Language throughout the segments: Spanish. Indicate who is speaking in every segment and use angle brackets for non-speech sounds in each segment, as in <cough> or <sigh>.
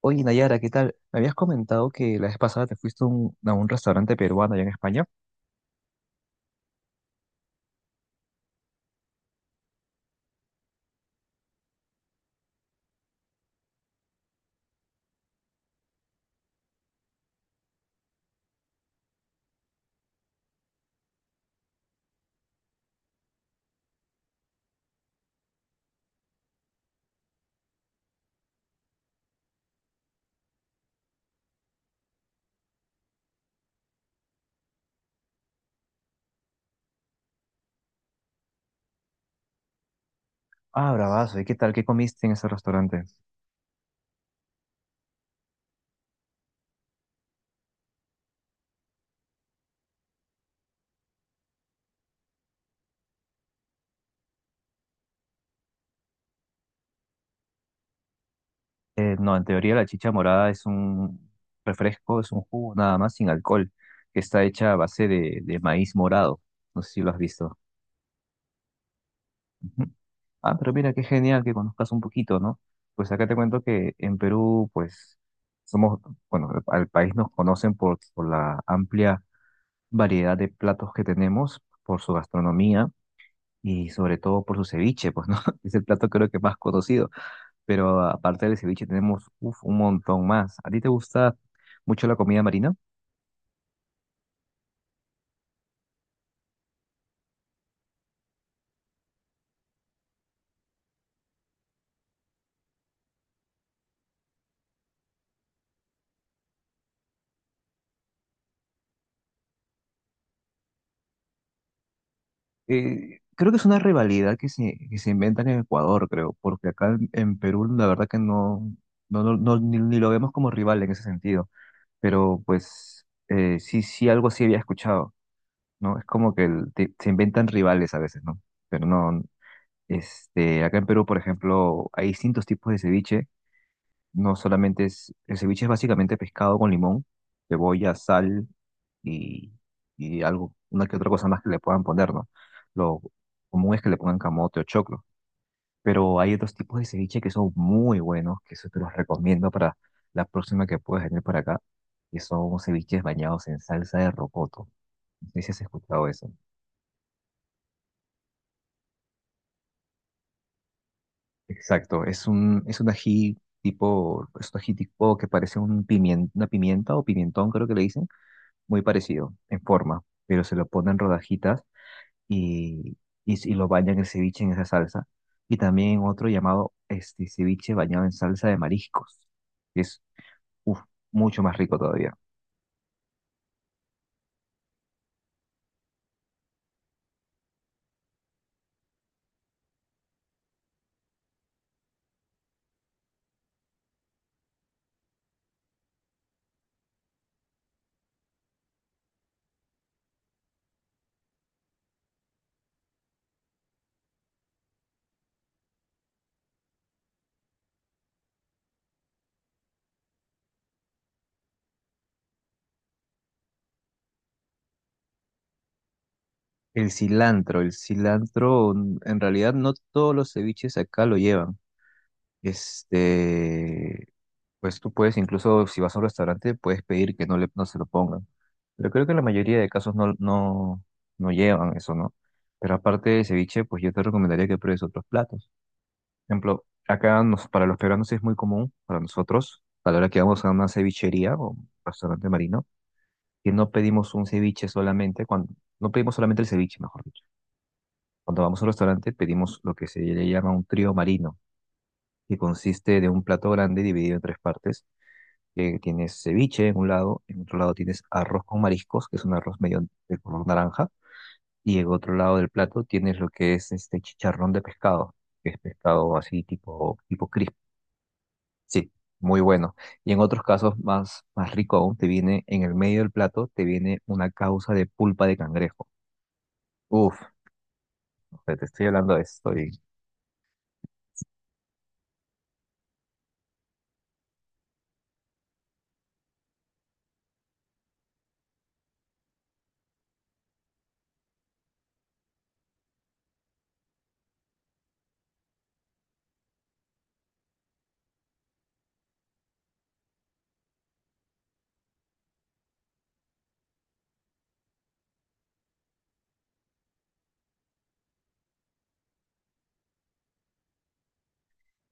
Speaker 1: Oye, Nayara, ¿qué tal? Me habías comentado que la vez pasada te fuiste a a un restaurante peruano allá en España. Ah, bravazo. ¿Y qué tal? ¿Qué comiste en ese restaurante? No, en teoría la chicha morada es un refresco, es un jugo nada más sin alcohol, que está hecha a base de maíz morado. No sé si lo has visto. Ujú. Ah, pero mira, qué genial que conozcas un poquito, ¿no? Pues acá te cuento que en Perú, pues, somos, bueno, al país nos conocen por la amplia variedad de platos que tenemos, por su gastronomía y sobre todo por su ceviche, pues, ¿no? <laughs> Es el plato creo que más conocido, pero aparte del ceviche tenemos uf, un montón más. ¿A ti te gusta mucho la comida marina? Creo que es una rivalidad que se inventan en Ecuador, creo, porque acá en Perú la verdad que ni, ni lo vemos como rival en ese sentido, pero pues sí, sí, algo sí había escuchado, ¿no? Es como que se inventan rivales a veces, ¿no? Pero no, este, acá en Perú, por ejemplo, hay distintos tipos de ceviche. No solamente es, el ceviche es básicamente pescado con limón, cebolla, sal y, y algo, una que otra cosa más que le puedan poner, ¿no? Lo común es que le pongan camote o choclo, pero hay otros tipos de ceviche que son muy buenos, que eso te los recomiendo para la próxima que puedas venir para acá, que son ceviches bañados en salsa de rocoto. No sé si has escuchado eso. Exacto, es un ají tipo, es un ají tipo que parece un una pimienta o pimentón, creo que le dicen, muy parecido en forma, pero se lo ponen rodajitas y, y lo bañan el ceviche en esa salsa. Y también otro llamado este ceviche bañado en salsa de mariscos, que es uf, mucho más rico todavía. El cilantro, en realidad no todos los ceviches acá lo llevan. Este, pues tú puedes, incluso si vas a un restaurante, puedes pedir que no se lo pongan. Pero creo que en la mayoría de casos no llevan eso, ¿no? Pero aparte de ceviche, pues yo te recomendaría que pruebes otros platos. Por ejemplo, para los peruanos es muy común, para nosotros, a la hora que vamos a una cevichería o un restaurante marino, que no pedimos un ceviche solamente, cuando, no pedimos solamente el ceviche, mejor dicho. Cuando vamos a un restaurante pedimos lo que se le llama un trío marino, que consiste de un plato grande dividido en tres partes, que tienes ceviche en un lado, en otro lado tienes arroz con mariscos, que es un arroz medio de color naranja, y en otro lado del plato tienes lo que es este chicharrón de pescado, que es pescado así tipo, tipo crisp. Sí, muy bueno. Y en otros casos más, más rico aún, te viene en el medio del plato, te viene una causa de pulpa de cangrejo. Uf, o sea, te estoy hablando de esto. Y...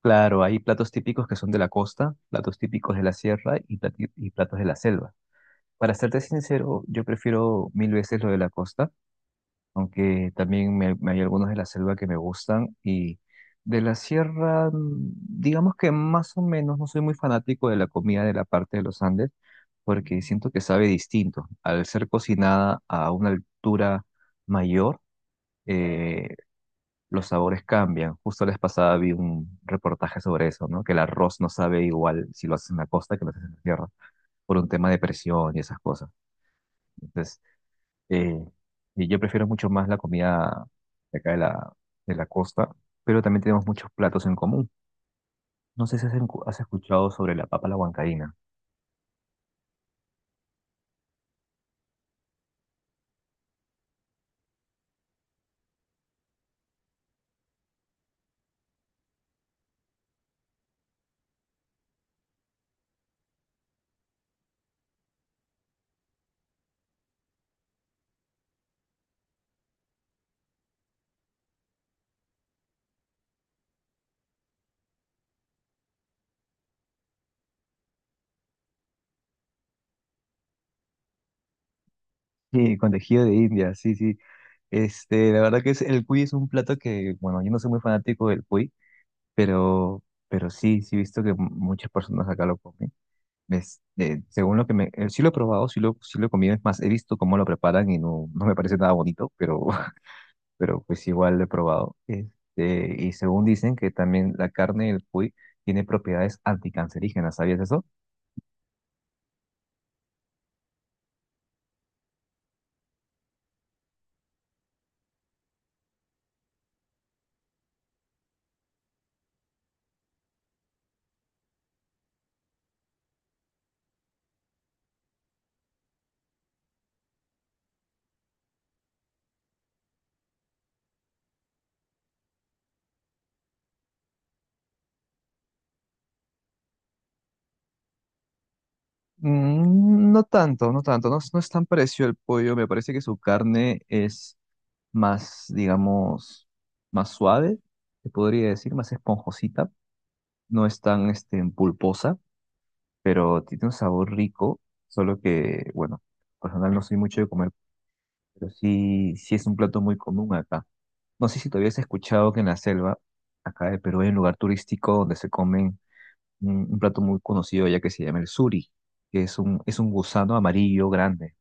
Speaker 1: Claro, hay platos típicos que son de la costa, platos típicos de la sierra y y platos de la selva. Para serte sincero, yo prefiero mil veces lo de la costa, aunque también me hay algunos de la selva que me gustan, y de la sierra, mm, digamos que más o menos no soy muy fanático de la comida de la parte de los Andes porque siento que sabe distinto. Al ser cocinada a una altura mayor, eh, los sabores cambian. Justo la vez pasada vi un reportaje sobre eso, ¿no? Que el arroz no sabe igual si lo haces en la costa que lo haces en la sierra por un tema de presión y esas cosas. Entonces, eh, y yo prefiero mucho más la comida de acá de la costa, pero también tenemos muchos platos en común. No sé si has escuchado sobre la papa a la huancaína. Sí, con tejido de India, sí, sí. Este, la verdad que es, el cuy es un plato que, bueno, yo no soy muy fanático del cuy, pero sí, sí he visto que muchas personas acá lo comen. Es- según lo que me, Sí lo he probado, sí lo he comido, es más, he visto cómo lo preparan y no, no me parece nada bonito, pero pues igual lo he probado. Este, y según dicen que también la carne del cuy tiene propiedades anticancerígenas, ¿sabías eso? Mm, no tanto, no tanto, no, no es tan parecido al pollo, me parece que su carne es más, digamos, más suave, se podría decir, más esponjosita, no es tan este, pulposa, pero tiene un sabor rico, solo que, bueno, personal no soy mucho de comer, pero sí, sí es un plato muy común acá. No sé si todavía habías escuchado que en la selva, acá de Perú, hay un lugar turístico donde se comen un plato muy conocido ya que se llama el suri, que es es un gusano amarillo grande.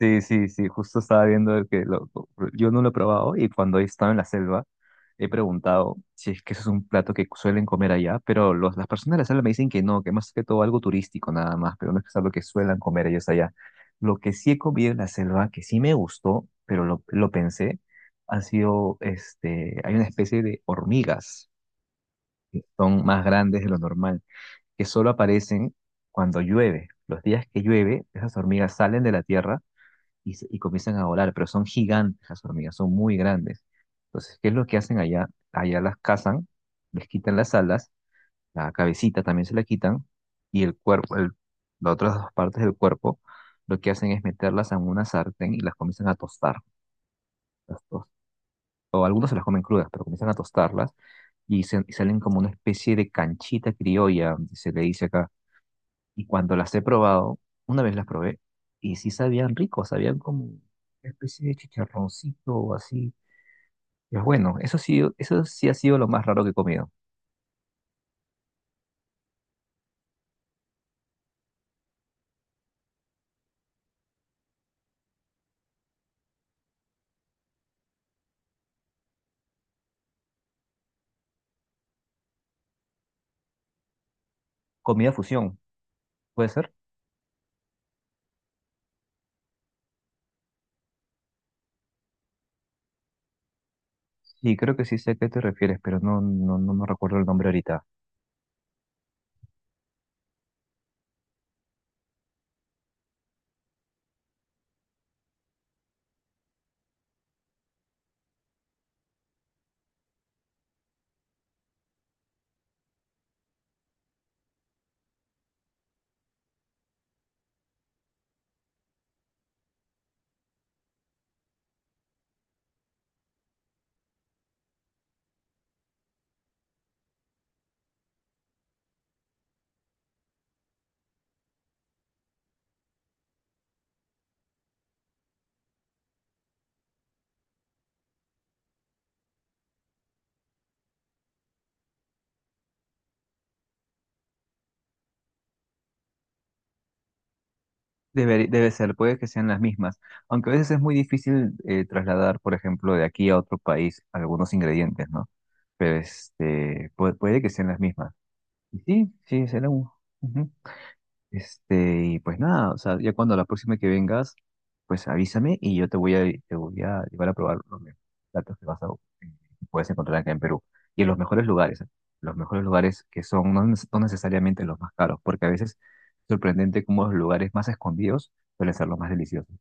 Speaker 1: Sí, sí, sí, justo estaba viendo el yo no lo he probado, y cuando he estado en la selva he preguntado si es que eso es un plato que suelen comer allá, pero las personas de la selva me dicen que no, que más que todo algo turístico nada más, pero no es que es algo que suelan comer ellos allá. Lo que sí he comido en la selva, que sí me gustó, pero lo pensé, ha sido, este, hay una especie de hormigas que son más grandes de lo normal, que solo aparecen cuando llueve. Los días que llueve, esas hormigas salen de la tierra y, y comienzan a volar, pero son gigantes las hormigas, son muy grandes. Entonces, ¿qué es lo que hacen allá? Allá las cazan, les quitan las alas, la cabecita también se la quitan, y el cuerpo, las otras dos partes del cuerpo, lo que hacen es meterlas en una sartén y las comienzan a tostar. Las tos- o algunos se las comen crudas, pero comienzan a tostarlas y, y salen como una especie de canchita criolla, se le dice acá, y cuando las he probado, una vez las probé, y sí sabían rico, sabían como una especie de chicharroncito o así. Y es bueno, eso sí ha sido lo más raro que he comido. Comida fusión, ¿puede ser? Sí, creo que sí sé a qué te refieres, pero no me recuerdo el nombre ahorita. Debe, debe ser, puede que sean las mismas, aunque a veces es muy difícil trasladar, por ejemplo, de aquí a otro país algunos ingredientes, ¿no? Pero este, puede, puede que sean las mismas. Y sí, sí, será un... ujú. Este, y pues nada, o sea, ya cuando la próxima que vengas, pues avísame y yo te voy te voy a llevar a probar los mejores platos que que puedes encontrar acá en Perú. Y en los mejores lugares, ¿eh? Los mejores lugares que son no, no necesariamente los más caros, porque a veces es sorprendente cómo los lugares más escondidos suelen ser los más deliciosos.